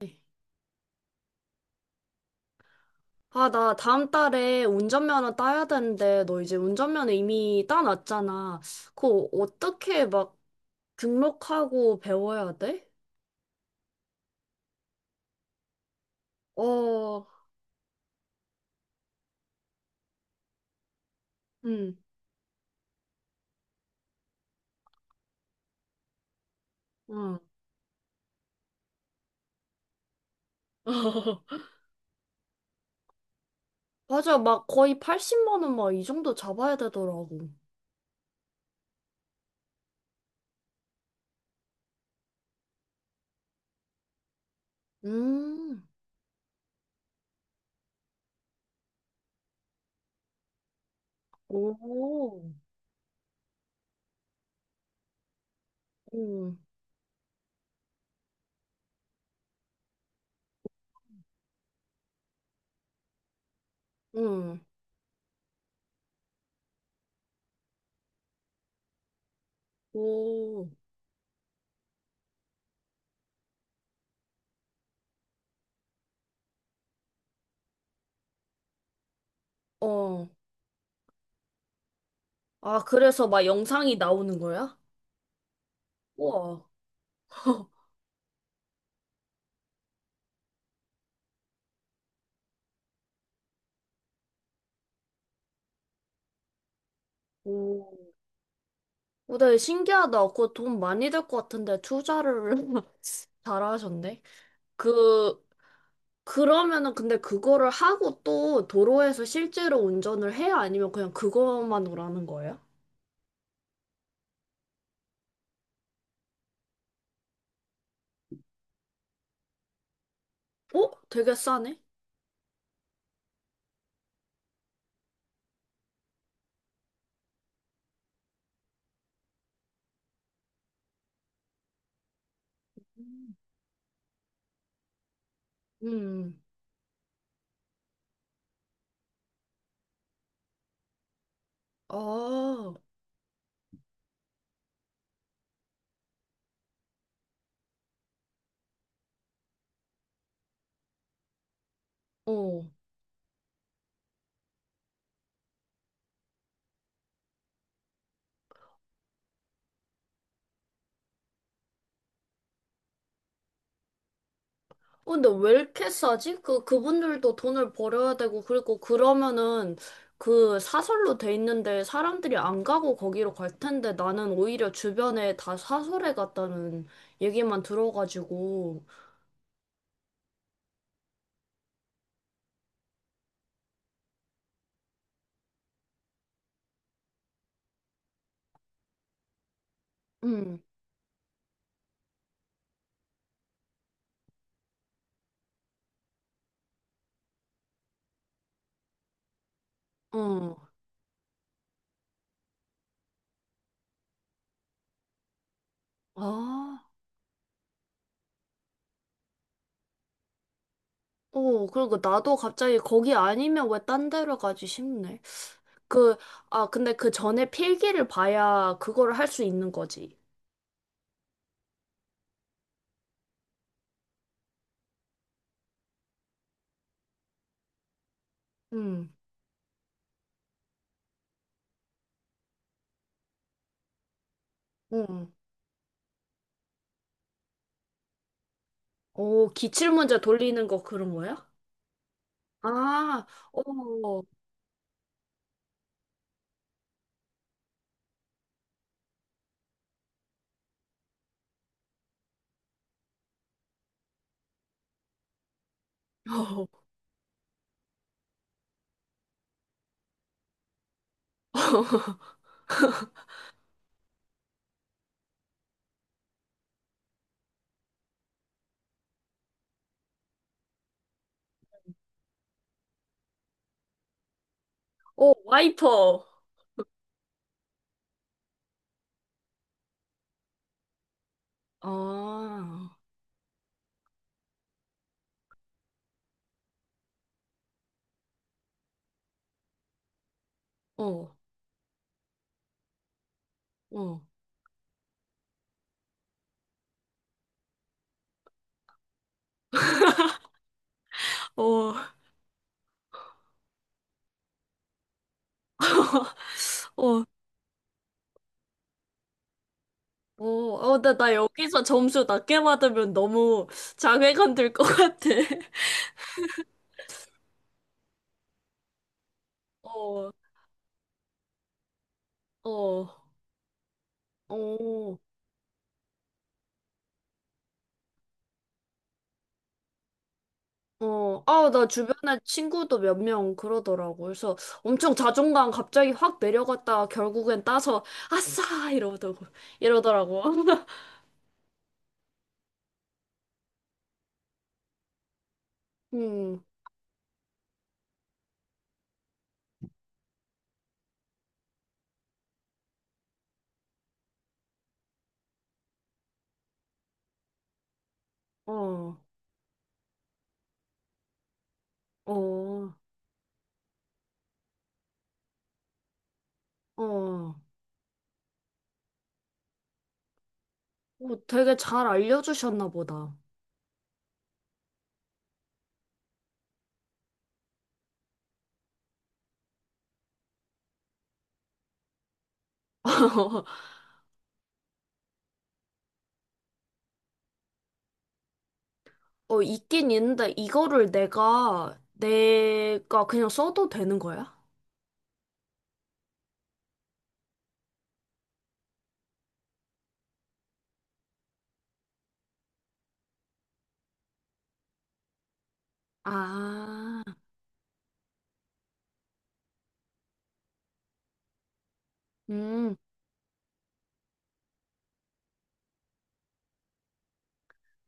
네. 아, 나 다음 달에 운전면허 따야 되는데, 너 이제 운전면허 이미 따놨잖아. 그거 어떻게 막 등록하고 배워야 돼? 어, 응, 응. 맞아, 막 거의 80만 원 막 이 정도 잡아야 되더라고. 음, 오, 응, 응, 오, 어. 아, 그래서 막 영상이 나오는 거야? 우와, 오. 오, 네, 신기하다. 그거 돈 많이 들 것 같은데, 투자를 잘하셨네. 그, 그러면은 근데 그거를 하고 또 도로에서 실제로 운전을 해요? 아니면 그냥 그것만으로 하는 거예요? 어? 되게 싸네? 음. 음, 아, 어. 근데 왜 이렇게 싸지? 그, 그분들도 돈을 벌어야 되고, 그리고 그러면은 그 사설로 돼 있는데 사람들이 안 가고 거기로 갈 텐데 나는 오히려 주변에 다 사설에 갔다는 얘기만 들어가지고, 응, 어, 아, 어, 그리고 나도 갑자기 거기 아니면 왜 딴 데로 가지 싶네. 그, 아, 근데 그 전에 필기를 봐야 그거를 할 수 있는 거지. 응, 응. 오, 기출 문제 돌리는 거 그런 거야? 아, 어, 어, 어, 와이퍼. 아, 어, 어, 어, 어, 어, 어, 어, 나 여기서 점수 낮게 받으면 너무 자괴감 들 것 같아. 어, 어, 어, 어. 아, 나 주변에 친구도 몇 명 그러더라고. 그래서 엄청 자존감 갑자기 확 내려갔다가 결국엔 따서 아싸! 이러더라고. 이러더라고. 음, 어, 어, 어. 오, 되게 잘 알려주셨나 보다. 어, 있긴 있는데 이거를 내가 그냥 써도 되는 거야? 아, 음.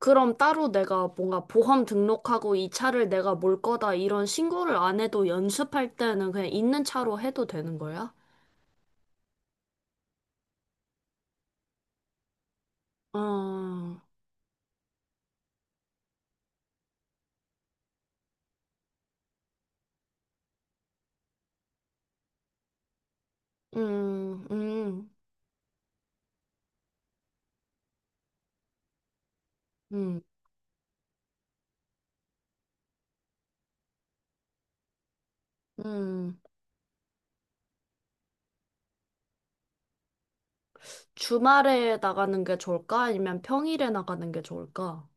그럼 따로 내가 뭔가 보험 등록하고 이 차를 내가 몰 거다 이런 신고를 안 해도 연습할 때는 그냥 있는 차로 해도 되는 거야? 어, 음, 음, 음, 음. 주말에 나가는 게 좋을까? 아니면 평일에 나가는 게 좋을까?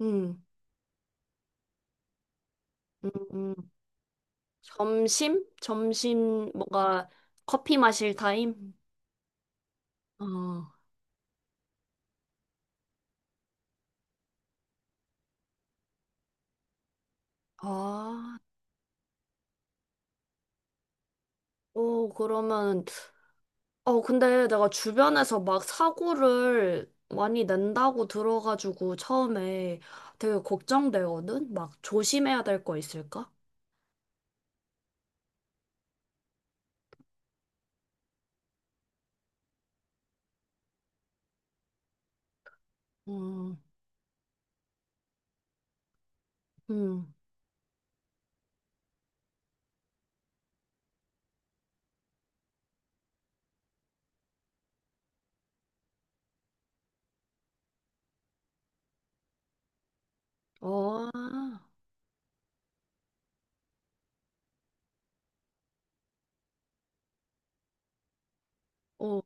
음, 음, 음. 점심? 점심 뭔가 커피 마실 타임? 어. 아, 어, 그러면 어, 근데 내가 주변에서 막 사고를 많이 낸다고 들어가지고 처음에 되게 걱정되거든? 막 조심해야 될 거 있을까? 음, 음, 어, 어,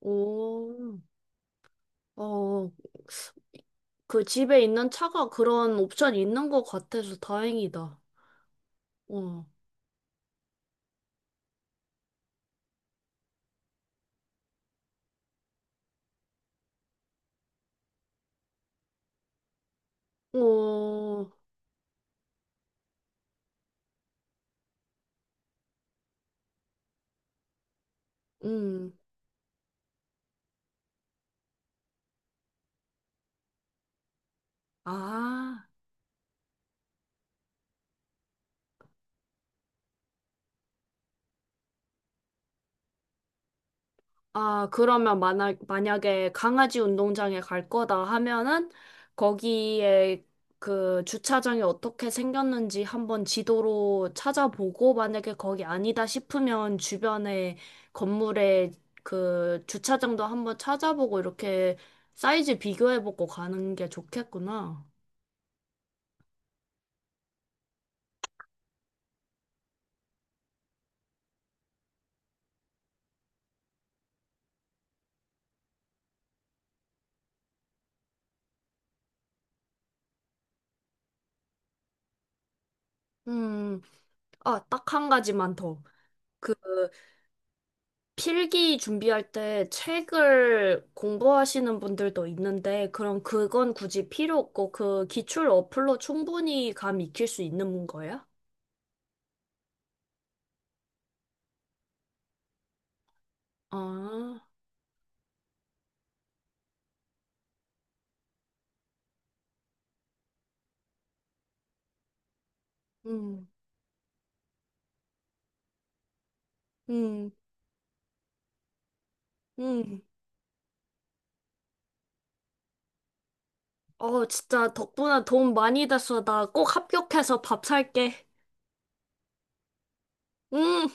오, 어, 그 집에 있는 차가 그런 옵션이 있는 것 같아서 다행이다. 어, 어, 음. 아, 아, 그러면 만약에 강아지 운동장에 갈 거다 하면은 거기에 그 주차장이 어떻게 생겼는지 한번 지도로 찾아보고 만약에 거기 아니다 싶으면 주변에 건물에 그 주차장도 한번 찾아보고 이렇게 사이즈 비교해보고 가는 게 좋겠구나. 음, 아, 딱 한 가지만 더. 그 필기 준비할 때 책을 공부하시는 분들도 있는데, 그럼 그건 굳이 필요 없고, 그 기출 어플로 충분히 감 익힐 수 있는 거야? 아, 음, 음, 음. 어, 진짜 덕분에 도움 많이 됐어. 나 꼭 합격해서 밥 살게. 음.